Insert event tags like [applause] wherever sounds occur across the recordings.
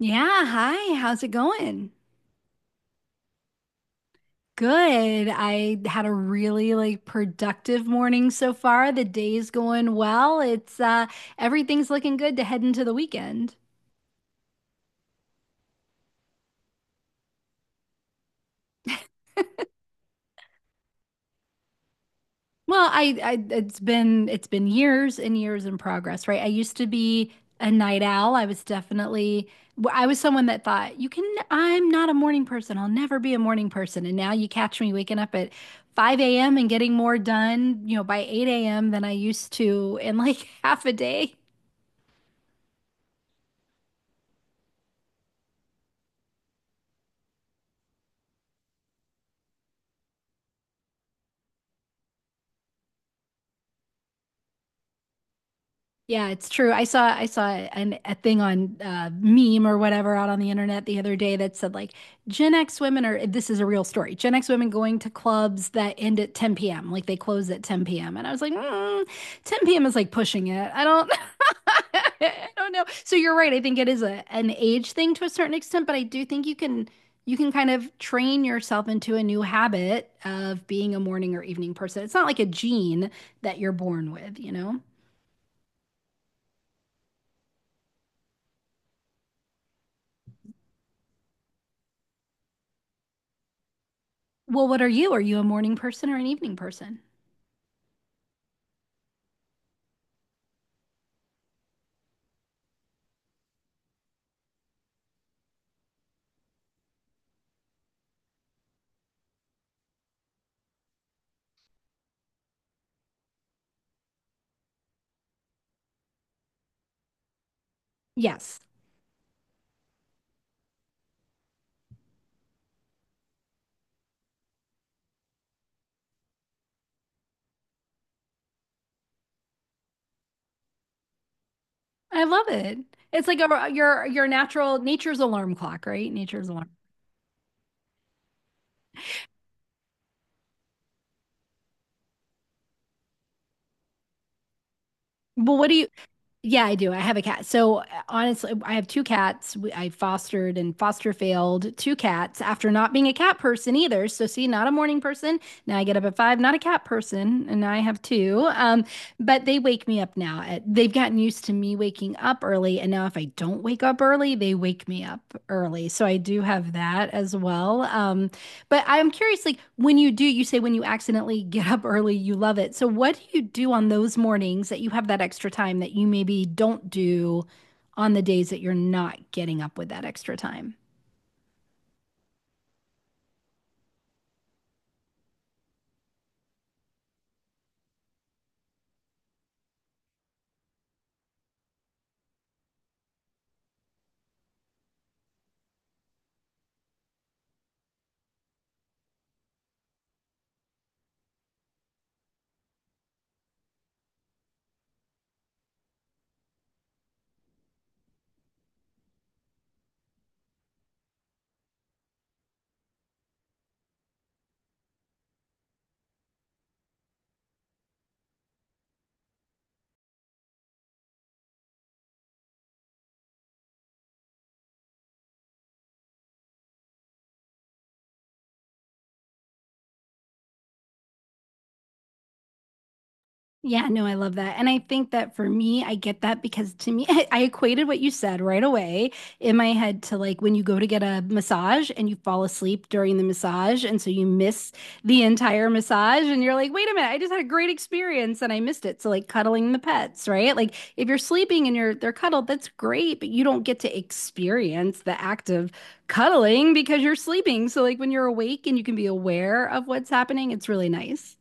Yeah, hi. How's it going? Good. I had a really like productive morning so far. The day's going well. It's everything's looking good to head into the weekend. Well, I it's been years and years in progress, right? I used to be a night owl. I was definitely I was someone that thought, you can I'm not a morning person. I'll never be a morning person. And now you catch me waking up at 5 a.m. and getting more done, you know, by 8 a.m. than I used to in like [laughs] half a day. Yeah, it's true. I saw a thing on meme or whatever out on the internet the other day that said like Gen X women are this is a real story. Gen X women going to clubs that end at 10 p.m., like they close at 10 p.m. And I was like, mm, 10 p.m. is like pushing it. I don't [laughs] I don't know. So you're right. I think it is a an age thing to a certain extent, but I do think you can kind of train yourself into a new habit of being a morning or evening person. It's not like a gene that you're born with, you know? Well, what are you? Are you a morning person or an evening person? Yes. I love it. It's like a your natural nature's alarm clock, right? Nature's alarm. Well, what do you Yeah, I do. I have a cat. So honestly, I have two cats. We- I fostered and foster failed two cats after not being a cat person either. So see, not a morning person. Now I get up at five, not a cat person, and now I have two. But they wake me up now. They've gotten used to me waking up early, and now if I don't wake up early, they wake me up early. So I do have that as well. But I'm curious, like when you do, you say when you accidentally get up early, you love it. So what do you do on those mornings that you have that extra time that you maybe don't do on the days that you're not getting up with that extra time? Yeah, no, I love that. And I think that for me, I get that because to me, [laughs] I equated what you said right away in my head to like when you go to get a massage and you fall asleep during the massage. And so you miss the entire massage and you're like, wait a minute, I just had a great experience and I missed it. So like cuddling the pets, right? Like if you're sleeping and you're they're cuddled, that's great, but you don't get to experience the act of cuddling because you're sleeping. So like when you're awake and you can be aware of what's happening, it's really nice.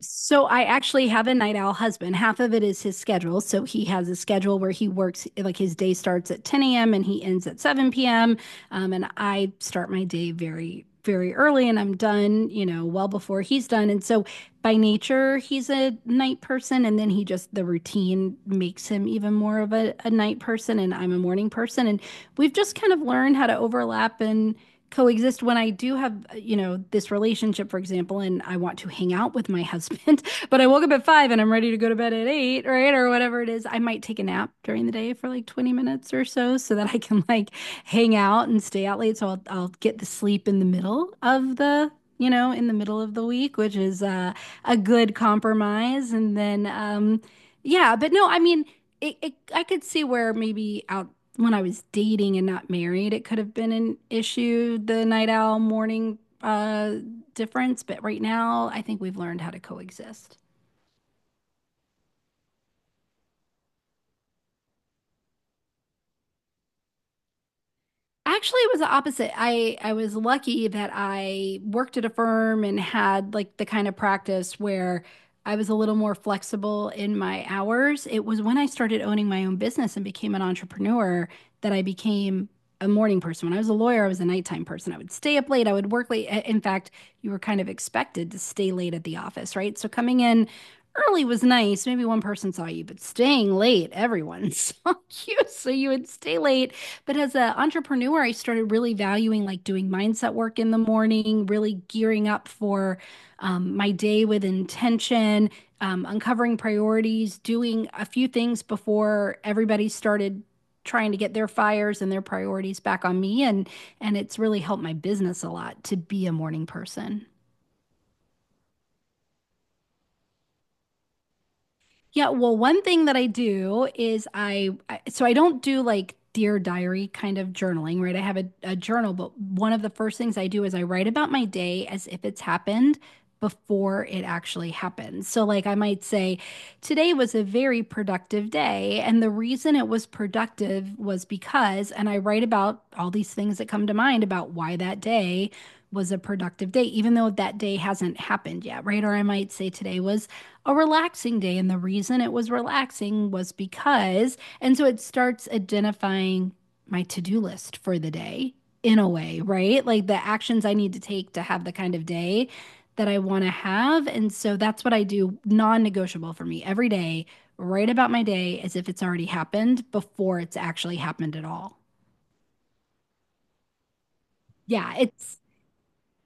So I actually have a night owl husband. Half of it is his schedule. So he has a schedule where he works, like his day starts at 10 a.m. and he ends at 7 p.m. And I start my day very, very early and I'm done, you know, well before he's done. And so by nature, he's a night person. And then he just, the routine makes him even more of a night person. And I'm a morning person. And we've just kind of learned how to overlap and coexist when I do have, you know, this relationship, for example, and I want to hang out with my [laughs] husband, but I woke up at five and I'm ready to go to bed at eight, right? Or whatever it is. I might take a nap during the day for like 20 minutes or so so that I can like hang out and stay out late. So I'll get the sleep in the middle of the you know, in the middle of the week, which is a good compromise. And then, yeah, but no, I mean, it I could see where maybe out when I was dating and not married, it could have been an issue, the night owl morning difference, but right now I think we've learned how to coexist. Actually, it was the opposite. I was lucky that I worked at a firm and had like the kind of practice where I was a little more flexible in my hours. It was when I started owning my own business and became an entrepreneur that I became a morning person. When I was a lawyer, I was a nighttime person. I would stay up late, I would work late. In fact, you were kind of expected to stay late at the office, right? So coming in early was nice. Maybe one person saw you, but staying late, everyone [laughs] saw you. So you would stay late but as an entrepreneur, I started really valuing like doing mindset work in the morning, really gearing up for my day with intention, uncovering priorities, doing a few things before everybody started trying to get their fires and their priorities back on me. And it's really helped my business a lot to be a morning person. Yeah, well, one thing that I do is I don't do like Dear Diary kind of journaling, right? I have a journal, but one of the first things I do is I write about my day as if it's happened before it actually happens. So, like, I might say, today was a very productive day. And the reason it was productive was because, and I write about all these things that come to mind about why that day was a productive day, even though that day hasn't happened yet, right? Or I might say, today was a relaxing day. And the reason it was relaxing was because, and so it starts identifying my to do list for the day in a way, right? Like the actions I need to take to have the kind of day that I want to have. And so that's what I do, non negotiable for me every day, write about my day as if it's already happened before it's actually happened at all. Yeah, it's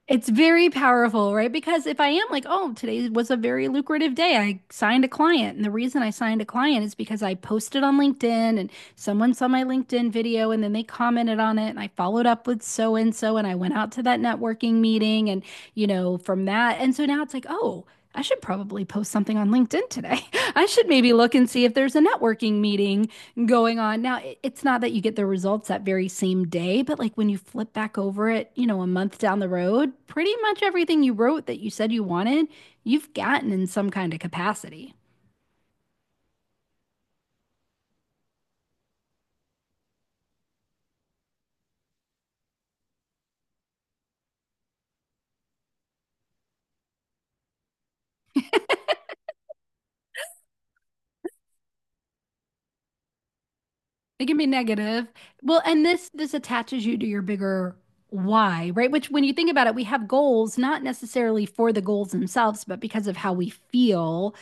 It's very powerful, right? Because if I am like, oh, today was a very lucrative day, I signed a client. And the reason I signed a client is because I posted on LinkedIn and someone saw my LinkedIn video and then they commented on it. And I followed up with so and so and I went out to that networking meeting and, you know, from that. And so now it's like, oh, I should probably post something on LinkedIn today. [laughs] I should maybe look and see if there's a networking meeting going on. Now, it's not that you get the results that very same day, but like when you flip back over it, you know, a month down the road, pretty much everything you wrote that you said you wanted, you've gotten in some kind of capacity. It can be negative. Well, and this attaches you to your bigger why, right? Which when you think about it, we have goals not necessarily for the goals themselves, but because of how we feel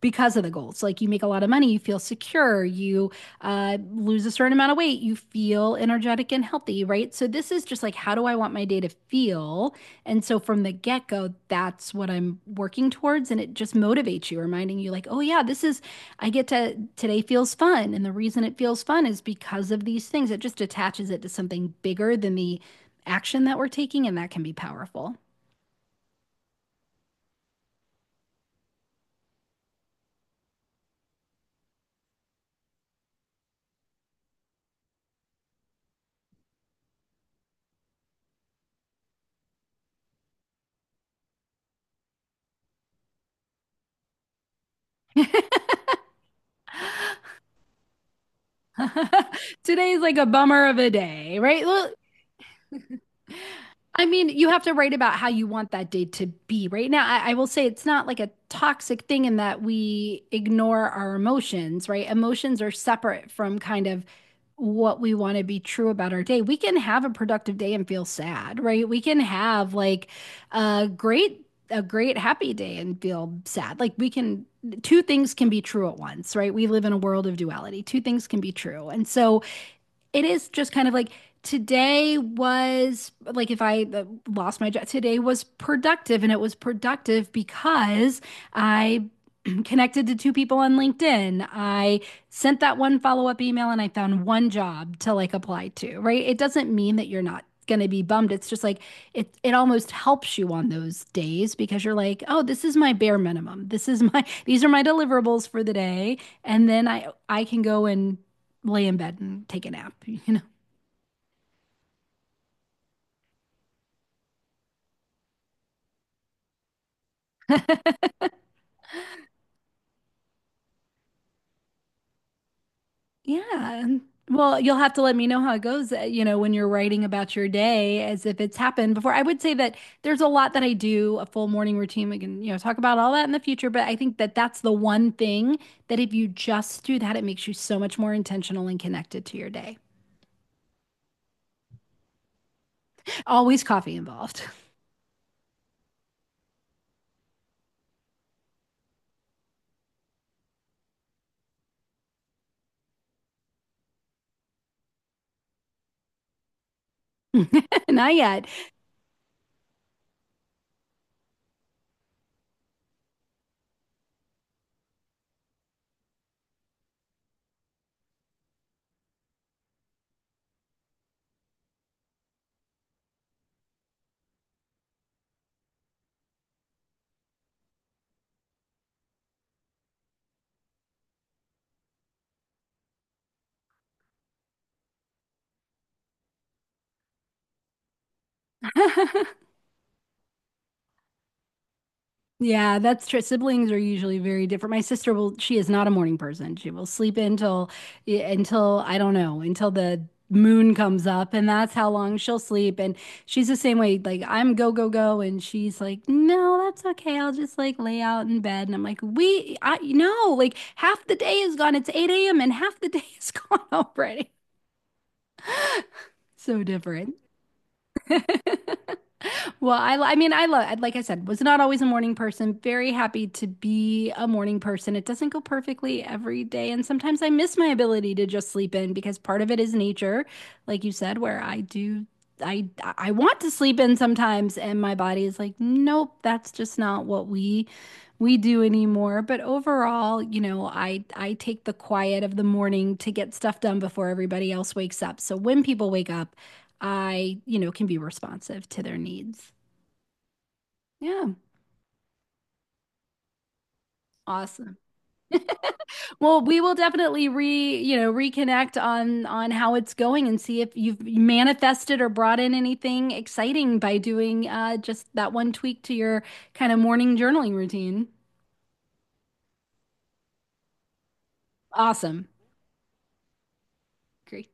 because of the goals. Like you make a lot of money, you feel secure, you lose a certain amount of weight, you feel energetic and healthy, right? So this is just like, how do I want my day to feel? And so from the get-go, that's what I'm working towards. And it just motivates you, reminding you, like, oh, yeah, this is, I get to, today feels fun. And the reason it feels fun is because of these things. It just attaches it to something bigger than the action that we're taking. And that can be powerful. [laughs] Today's like a bummer of a day, right? Well, I mean, you have to write about how you want that day to be right now. I will say it's not like a toxic thing in that we ignore our emotions, right? Emotions are separate from kind of what we want to be true about our day. We can have a productive day and feel sad, right? We can have like a great, a great happy day and feel sad. Like we can, two things can be true at once, right? We live in a world of duality. Two things can be true. And so, it is just kind of like today was like if I lost my job, today was productive, and it was productive because I [clears throat] connected to two people on LinkedIn. I sent that one follow-up email and I found one job to like apply to, right? It doesn't mean that you're not going to be bummed. It's just like it almost helps you on those days because you're like, "Oh, this is my bare minimum. This is my these are my deliverables for the day." And then I can go and lay in bed and take a nap, [laughs] you know? Yeah. Well, you'll have to let me know how it goes, you know, when you're writing about your day as if it's happened before. I would say that there's a lot that I do, a full morning routine. We can, you know, talk about all that in the future, but I think that that's the one thing that if you just do that, it makes you so much more intentional and connected to your day. Always coffee involved. [laughs] Not yet. [laughs] Yeah, that's true. Siblings are usually very different. My sister will, she is not a morning person. She will sleep until, yeah, until I don't know, until the moon comes up, and that's how long she'll sleep. And she's the same way. Like I'm go go go, and she's like, no, that's okay. I'll just like lay out in bed. And I'm like, we, I no, like half the day is gone. It's 8 a.m. and half the day is [laughs] gone already. So different. [laughs] Well, I mean, I love, like I said, was not always a morning person. Very happy to be a morning person. It doesn't go perfectly every day. And sometimes I miss my ability to just sleep in because part of it is nature, like you said, where I do, I, I want to sleep in sometimes. And my body is like, nope, that's just not what we do anymore. But overall, you know, I take the quiet of the morning to get stuff done before everybody else wakes up. So when people wake up, I, you know, can be responsive to their needs. Yeah, awesome. Well, we will definitely you know, reconnect on how it's going and see if you've manifested or brought in anything exciting by doing just that one tweak to your kind of morning journaling routine. Awesome. Great.